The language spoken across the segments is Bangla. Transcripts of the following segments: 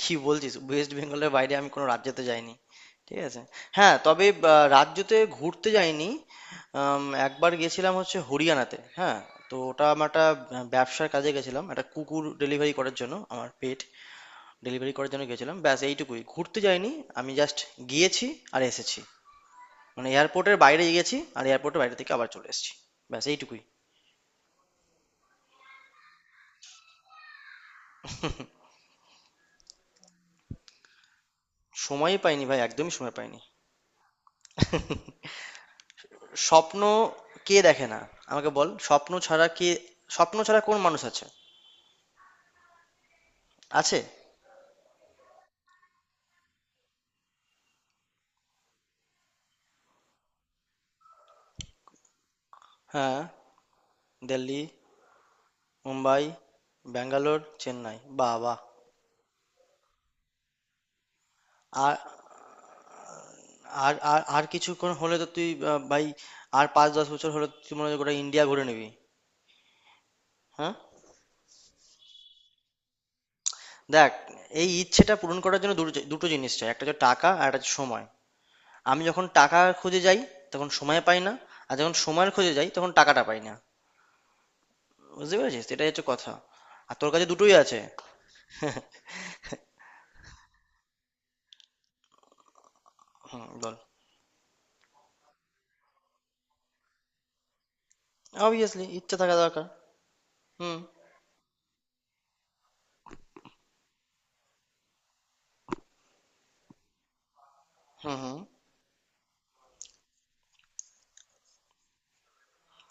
কি বলছিস? ওয়েস্ট বেঙ্গলের বাইরে আমি কোনো রাজ্যতে যাইনি। ঠিক আছে। হ্যাঁ, তবে রাজ্যতে ঘুরতে যাইনি। একবার গেছিলাম হচ্ছে হরিয়ানাতে, হ্যাঁ। তো ওটা আমার একটা, ব্যবসার কাজে গেছিলাম, একটা কুকুর ডেলিভারি করার জন্য, আমার পেট ডেলিভারি করার জন্য গেছিলাম, ব্যাস এইটুকুই, ঘুরতে যাইনি। আমি জাস্ট গিয়েছি আর এসেছি। মানে এয়ারপোর্টের বাইরে গেছি আর এয়ারপোর্টের বাইরে থেকে আবার চলে এসেছি, ব্যাস এইটুকুই। সময়ই পাইনি ভাই, একদমই সময় পাইনি। স্বপ্ন কে দেখে না? আমাকে বল, স্বপ্ন ছাড়া কে, স্বপ্ন ছাড়া কোন মানুষ আছে? আছে। হ্যাঁ। দিল্লি। মুম্বাই। ব্যাঙ্গালোর, চেন্নাই, বাহ বাহ। আর আর আর আর কিছুক্ষণ হলে তো তুই ভাই, আর পাঁচ দশ বছর হলে তো তুই মনে হয় গোটা ইন্ডিয়া ঘুরে নিবি। হ্যাঁ। দেখ, এই ইচ্ছেটা পূরণ করার জন্য দুটো দুটো জিনিস চাই, একটা হচ্ছে টাকা আর একটা হচ্ছে সময়। আমি যখন টাকা খুঁজে যাই তখন সময় পাই না, আর যখন সময় খুঁজে যাই তখন টাকাটা পাই না। বুঝতে পেরেছিস, এটাই হচ্ছে কথা। আর তোর কাছে দুটোই আছে। হুম, বল। অবভিয়াসলি ইচ্ছা থাকা দরকার। হুম, হুম। হুম,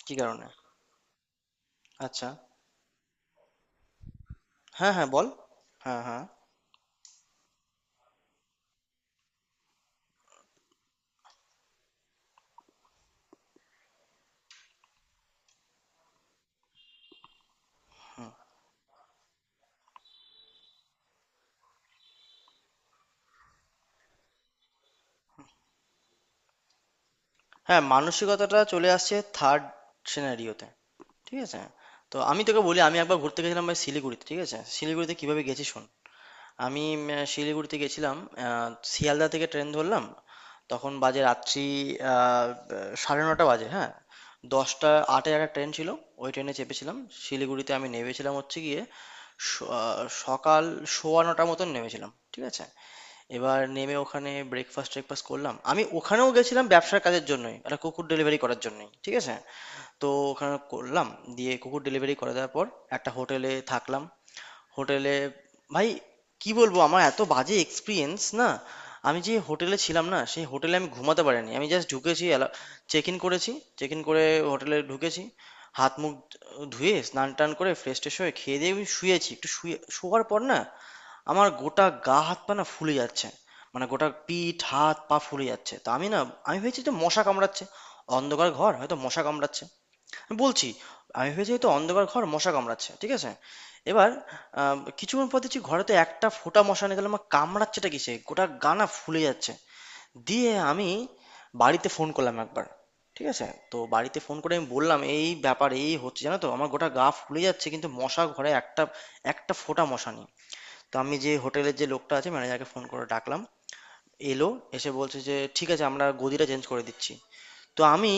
কি কারণে? আচ্ছা। হ্যাঁ, হ্যাঁ, বল। হ্যাঁ, হ্যাঁ। হ্যাঁ, মানসিকতাটা চলে আসছে থার্ড সিনারিওতে। ঠিক আছে? তো আমি তোকে বলি, আমি একবার ঘুরতে গেছিলাম ভাই শিলিগুড়িতে। ঠিক আছে? শিলিগুড়িতে কিভাবে গেছি শোন। আমি শিলিগুড়িতে গেছিলাম। শিয়ালদা থেকে ট্রেন ধরলাম। তখন বাজে রাত্রি আহ, 9:30 বাজে, হ্যাঁ, দশটা আটে একটা ট্রেন ছিল, ওই ট্রেনে চেপেছিলাম। শিলিগুড়িতে আমি নেমেছিলাম হচ্ছে গিয়ে স- আহ, সকাল 9:15 মতন নেমেছিলাম। ঠিক আছে? এবার নেমে ওখানে ব্রেকফাস্ট ট্রেকফাস্ট করলাম। আমি ওখানেও গেছিলাম ব্যবসার কাজের জন্যই, একটা কুকুর ডেলিভারি করার জন্যই, ঠিক আছে? তো ওখানে করলাম, দিয়ে কুকুর ডেলিভারি করে দেওয়ার পর একটা হোটেলে থাকলাম। হোটেলে, ভাই কি বলবো, আমার এত বাজে এক্সপিরিয়েন্স না! আমি যে হোটেলে ছিলাম না, সেই হোটেলে আমি ঘুমাতে পারিনি। আমি জাস্ট ঢুকেছি, চেক ইন করেছি, চেক ইন করে হোটেলে ঢুকেছি, হাত মুখ ধুয়ে স্নান টান করে ফ্রেশ ট্রেশ হয়ে খেয়ে দিয়ে আমি শুয়েছি। একটু শুয়ে শোয়ার পর না, আমার গোটা গা হাত পা না ফুলে যাচ্ছে। মানে গোটা পিঠ হাত পা ফুলে যাচ্ছে। তা আমি না আমি ভেবেছি যে মশা কামড়াচ্ছে, অন্ধকার ঘর হয়তো মশা কামড়াচ্ছে। বলছি, আমি ভেবেছি হয়তো অন্ধকার ঘর মশা কামড়াচ্ছে, ঠিক আছে? এবার কিছুক্ষণ পর দেখছি ঘরে তো একটা ফোঁটা মশা নিয়ে গেলাম, আমার কামড়াচ্ছেটা কিসে, গোটা গা না ফুলে যাচ্ছে। দিয়ে আমি বাড়িতে ফোন করলাম একবার, ঠিক আছে? তো বাড়িতে ফোন করে আমি বললাম এই ব্যাপার এই হচ্ছে জানো তো, আমার গোটা গা ফুলে যাচ্ছে কিন্তু মশা ঘরে একটা একটা ফোঁটা মশা নেই। তো আমি যে হোটেলের যে লোকটা আছে, ম্যানেজারকে ফোন করে ডাকলাম। এলো, এসে বলছে যে ঠিক আছে আমরা গদিটা চেঞ্জ করে দিচ্ছি। তো আমি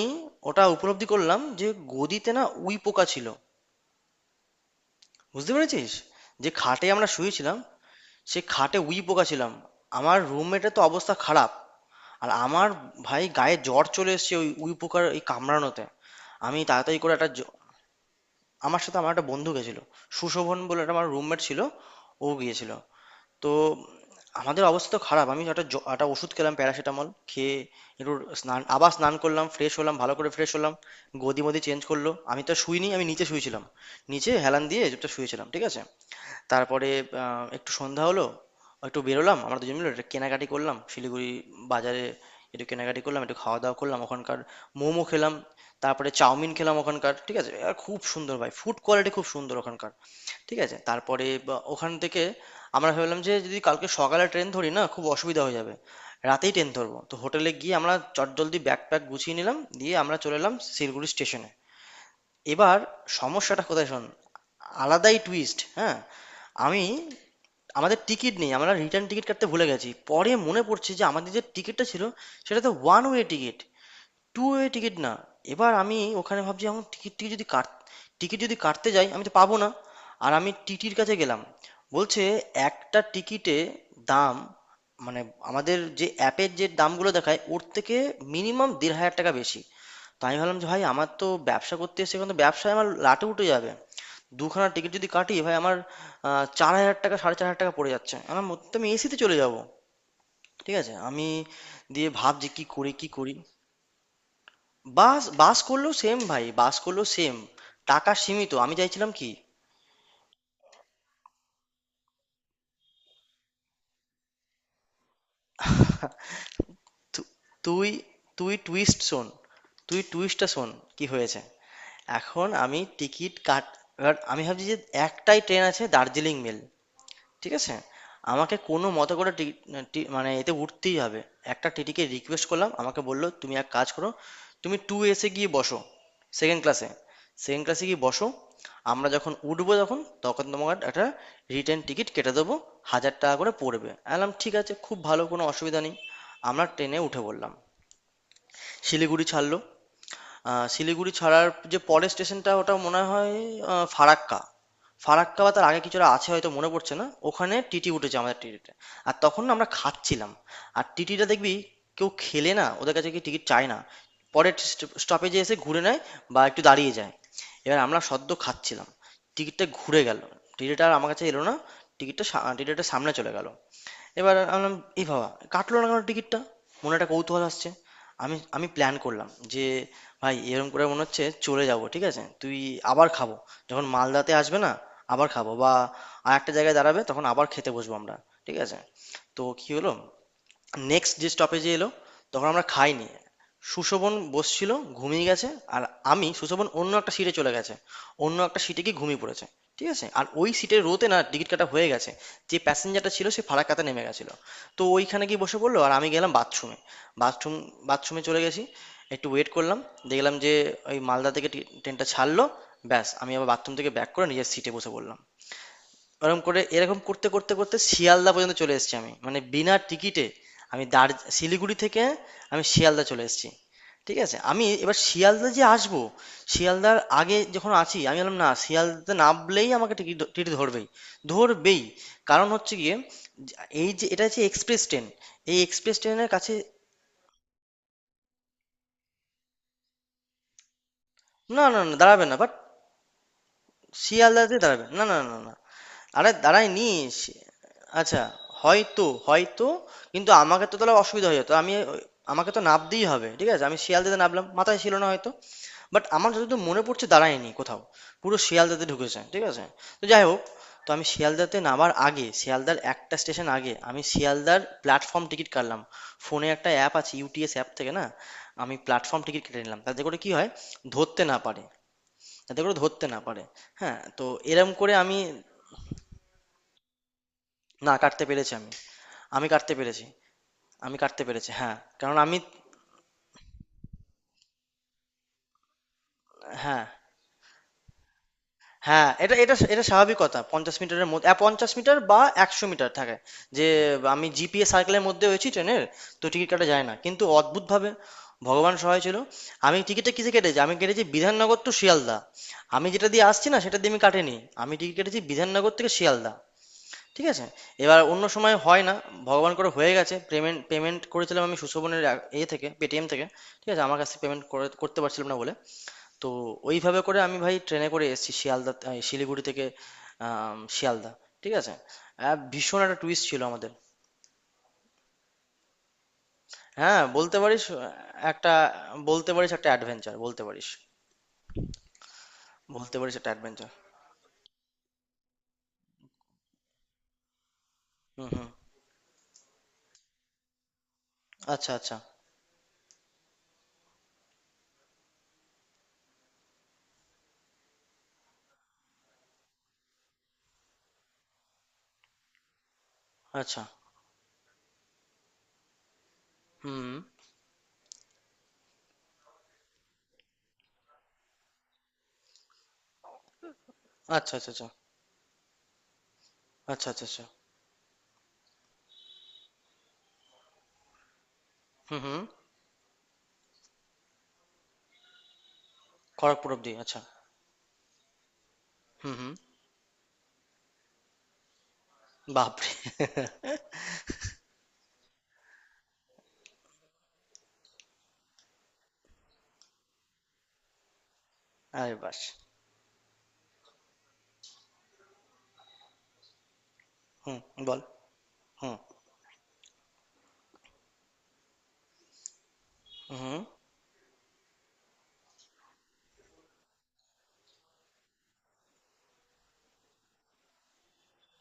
ওটা উপলব্ধি করলাম যে গদিতে না উই পোকা ছিল। বুঝতে পেরেছিস? যে খাটে আমরা শুয়েছিলাম, সে খাটে উই পোকা ছিলাম। আমার রুমমেটের তো অবস্থা খারাপ, আর আমার ভাই গায়ে জ্বর চলে এসেছে ওই উই পোকার এই কামড়ানোতে। আমি তাড়াতাড়ি করে একটা আমার সাথে আমার একটা বন্ধু গেছিল, সুশোভন বলে, একটা আমার রুমমেট ছিল, ও গিয়েছিল। তো আমাদের অবস্থা তো খারাপ, আমি একটা একটা ওষুধ খেলাম, প্যারাসিটামল খেয়ে একটু স্নান, আবার স্নান করলাম, ফ্রেশ হলাম, ভালো করে ফ্রেশ হলাম। গদি মদি চেঞ্জ করলো, আমি তো শুইনি, আমি নিচে শুয়েছিলাম, নিচে হেলান দিয়ে চুপচাপ শুয়েছিলাম, ঠিক আছে? তারপরে একটু সন্ধ্যা হলো, একটু বেরোলাম আমরা দুজন মিলে, একটু কেনাকাটি করলাম শিলিগুড়ি বাজারে, একটু কেনাকাটি করলাম, একটু খাওয়া দাওয়া করলাম। ওখানকার মোমো খেলাম, তারপরে চাউমিন খেলাম ওখানকার, ঠিক আছে? আর খুব সুন্দর ভাই, ফুড কোয়ালিটি খুব সুন্দর ওখানকার, ঠিক আছে? তারপরে বা ওখান থেকে আমরা ভাবলাম যে যদি কালকে সকালে ট্রেন ধরি না, খুব অসুবিধা হয়ে যাবে, রাতেই ট্রেন ধরবো। তো হোটেলে গিয়ে আমরা চটজলদি ব্যাগ প্যাক গুছিয়ে নিলাম, দিয়ে আমরা চলে এলাম শিলিগুড়ি স্টেশনে। এবার সমস্যাটা কোথায় শোন, আলাদাই টুইস্ট, হ্যাঁ। আমি, আমাদের টিকিট নেই, আমরা রিটার্ন টিকিট কাটতে ভুলে গেছি, পরে মনে পড়ছে যে আমাদের যে টিকিটটা ছিল সেটা তো one way ticket, two way ticket না। এবার আমি ওখানে ভাবছি এখন টিকিট টিকিট যদি কাট টিকিট যদি কাটতে যাই আমি তো পাবো না। আর আমি টিটির কাছে গেলাম, বলছে একটা টিকিটে দাম, মানে আমাদের যে অ্যাপের যে দামগুলো দেখায় ওর থেকে মিনিমাম 1,500 টাকা বেশি। তো আমি ভাবলাম যে ভাই আমার তো ব্যবসা করতে এসে এখন তো ব্যবসায় আমার লাটে উঠে যাবে, দুখানা টিকিট যদি কাটি ভাই আমার 4,000 টাকা, 4,500 টাকা পড়ে যাচ্ছে, আমার মধ্যে আমি এসিতে চলে যাব, ঠিক আছে? আমি দিয়ে ভাবছি কি করি কি করি। বাস বাস করলেও সেম ভাই, বাস করলেও সেম, টাকা সীমিত, আমি চাইছিলাম কি, তু- তুই তুই টুইস্ট শোন, তুই টুইস্টটা শোন। কি হয়েছে, এখন আমি টিকিট কাট, এবার আমি ভাবছি যে একটাই ট্রেন আছে, দার্জিলিং মেল, ঠিক আছে? আমাকে কোনো মতে করে টি- টি- মানে এতে উঠতেই হবে। একটা টিটিকে রিকোয়েস্ট করলাম, আমাকে বললো তুমি এক কাজ করো, তুমি টু এসে গিয়ে বসো, সেকেন্ড ক্লাসে, সেকেন্ড ক্লাসে গিয়ে বসো, আমরা যখন উঠবো তখন, তখন তোমাকে একটা রিটার্ন টিকিট কেটে দেবো, 1,000 টাকা করে পড়বে। আমি বললাম ঠিক আছে, খুব ভালো, কোনো অসুবিধা নেই। আমরা ট্রেনে উঠে পড়লাম। শিলিগুড়ি ছাড়লো। শিলিগুড়ি ছাড়ার যে পরের স্টেশনটা, ওটা মনে হয় ফারাক্কা। ফারাক্কা বা তার আগে কিছুটা আছে হয়তো, মনে পড়ছে না। ওখানে টিটি উঠেছে, আমাদের টিটিতে। আর তখন না আমরা খাচ্ছিলাম। আর টিটিটা দেখবি, কেউ খেলে না ওদের কাছে গিয়ে টিকিট চায় না, পরের স্টপেজে এসে ঘুরে নেয় বা একটু দাঁড়িয়ে যায়। এবার আমরা সদ্য খাচ্ছিলাম, টিকিটটা ঘুরে গেল, টিটিটা আর আমার কাছে এলো না, টিকিটটা সা টিটিটা সামনে চলে গেল। এবার আমি বললাম এ বাবা, কাটলো না কেন টিকিটটা! মনে একটা কৌতূহল আসছে। আমি আমি প্ল্যান করলাম যে ভাই এরকম করে মনে হচ্ছে চলে যাব, ঠিক আছে? তুই আবার খাবো যখন মালদাতে আসবে না, আবার খাবো, বা আর একটা জায়গায় দাঁড়াবে তখন আবার খেতে বসবো আমরা, ঠিক আছে? তো কি হলো, নেক্সট যে স্টপেজে এলো তখন আমরা খাইনি, সুশোভন বসছিল, ঘুমিয়ে গেছে। আর আমি, সুশোভন অন্য একটা সিটে চলে গেছে, অন্য একটা সিটে গিয়ে ঘুমিয়ে পড়েছে, ঠিক আছে? আর ওই সিটের রোতে না টিকিট কাটা হয়ে গেছে, যে প্যাসেঞ্জারটা ছিল সে ফারাক্কাতে নেমে গেছিলো। তো ওইখানে গিয়ে বসে পড়লো, আর আমি গেলাম বাথরুমে। বাথরুম বাথরুমে চলে গেছি, একটু ওয়েট করলাম, দেখলাম যে ওই মালদা থেকে ট্রেনটা ছাড়লো, ব্যাস আমি আবার বাথরুম থেকে ব্যাক করে নিজের সিটে বসে পড়লাম। ওরকম করে, এরকম করতে করতে করতে শিয়ালদা পর্যন্ত চলে এসেছি আমি, মানে বিনা টিকিটে। আমি শিলিগুড়ি থেকে আমি শিয়ালদা চলে এসেছি, ঠিক আছে? আমি এবার শিয়ালদা যে আসবো, শিয়ালদার আগে যখন আছি আমি বললাম না, শিয়ালদাতে নামলেই আমাকে টিকিট, টিকিট ধরবেই ধরবেই, কারণ হচ্ছে গিয়ে, এই যে এটা হচ্ছে এক্সপ্রেস ট্রেন, এই এক্সপ্রেস ট্রেনের কাছে, না না না দাঁড়াবে না বাট, শিয়ালদাতে দাঁড়াবে না, না না না। আরে দাঁড়ায়নি। শি- আচ্ছা, হয়তো হয়তো, কিন্তু আমাকে তো তাহলে অসুবিধা হয়ে যেত। আমাকে তো নামতেই হবে, ঠিক আছে? আমি শিয়ালদাতে নামলাম, মাথায় ছিল না হয়তো, বাট আমার যতদূর মনে পড়ছে দাঁড়ায়নি কোথাও, পুরো শিয়ালদাতে ঢুকেছে, ঠিক আছে? তো যাই হোক, তো আমি শিয়ালদাতে নামার আগে, শিয়ালদার একটা স্টেশন আগে আমি শিয়ালদার প্ল্যাটফর্ম টিকিট কাটলাম। ফোনে একটা অ্যাপ আছে, ইউটিএস অ্যাপ থেকে না, আমি প্ল্যাটফর্ম টিকিট কেটে নিলাম, তাতে করে কি হয়, ধরতে না পারে, যাতে করে ধরতে না পারে। হ্যাঁ, তো এরম করে আমি, না কাটতে পেরেছি আমি, আমি কাটতে পেরেছি, আমি কাটতে পেরেছি হ্যাঁ, কারণ আমি, হ্যাঁ হ্যাঁ এটা, এটা স্বাভাবিক কথা, 50 মিটারের মধ্যে 50 মিটার বা 100 মিটার থাকে, যে আমি জিপিএ সার্কেলের মধ্যে হয়েছি ট্রেনের, তো টিকিট কাটা যায় না। কিন্তু অদ্ভুতভাবে ভগবান সহায় ছিল। আমি টিকিটটা কিসে কেটেছি, আমি কেটেছি বিধাননগর টু শিয়ালদা। আমি যেটা দিয়ে আসছি না সেটা দিয়ে আমি কাটিনি, আমি টিকিট কেটেছি বিধাননগর থেকে শিয়ালদা, ঠিক আছে? এবার অন্য সময় হয় না, ভগবান করে হয়ে গেছে। পেমেন্ট পেমেন্ট করেছিলাম আমি সুশোভনের ইয়ে থেকে, পেটিএম থেকে, ঠিক আছে? আমার কাছ থেকে পেমেন্ট করে করতে পারছিলাম না বলে। তো ওইভাবে করে আমি ভাই ট্রেনে করে এসেছি শিয়ালদা, শিলিগুড়ি থেকে শিয়ালদা, ঠিক আছে? ভীষণ একটা টুইস্ট ছিল আমাদের। হ্যাঁ, বলতে পারিস একটা, বলতে পারিস একটা অ্যাডভেঞ্চার, বলতে পারিস। বলতে পারিস একটা অ্যাডভেঞ্চার। হুম, হুম। আচ্ছা, আচ্ছা, আচ্ছা। হুম। আচ্ছা, আচ্ছা, আচ্ছা। আচ্ছা, আচ্ছা, আচ্ছা। হুম, হুম। খড়গপুর অব্দি। আচ্ছা। হুম, হুম। বাপরে। আরে বাস। হুম, বল। হুম, হুম,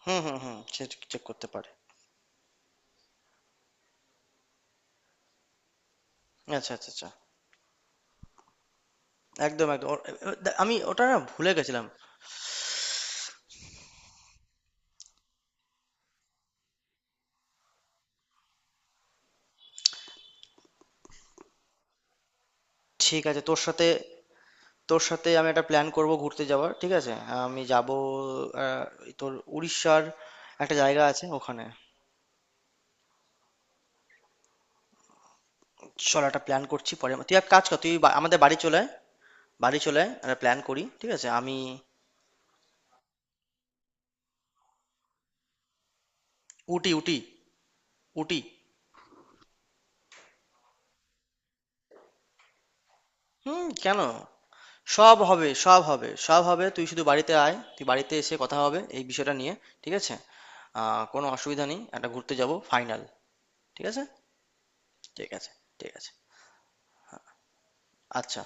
হুম, হুম, হুম, সেটা চেক করতে পারে। আচ্ছা, আচ্ছা, আচ্ছা। একদম, একদম, আমি ওটা না ভুলে গেছিলাম। ঠিক আছে, তোর সাথে আমি একটা প্ল্যান করব ঘুরতে যাওয়ার, ঠিক আছে? আমি যাব তোর উড়িষ্যার, একটা জায়গা আছে ওখানে। চল একটা প্ল্যান করছি পরে, তুই এক কাজ কর, তুই আমাদের বাড়ি চলে আয়, বাড়ি চলে আয়, একটা প্ল্যান করি, ঠিক আছে? আমি উটি, উটি, উটি। হুম কেন, সব হবে, সব হবে, সব হবে, তুই শুধু বাড়িতে আয়, তুই বাড়িতে এসে কথা হবে এই বিষয়টা নিয়ে, ঠিক আছে? কোনো অসুবিধা নেই, একটা ঘুরতে যাব, ফাইনাল, ঠিক আছে? ঠিক আছে, ঠিক আছে। আচ্ছা।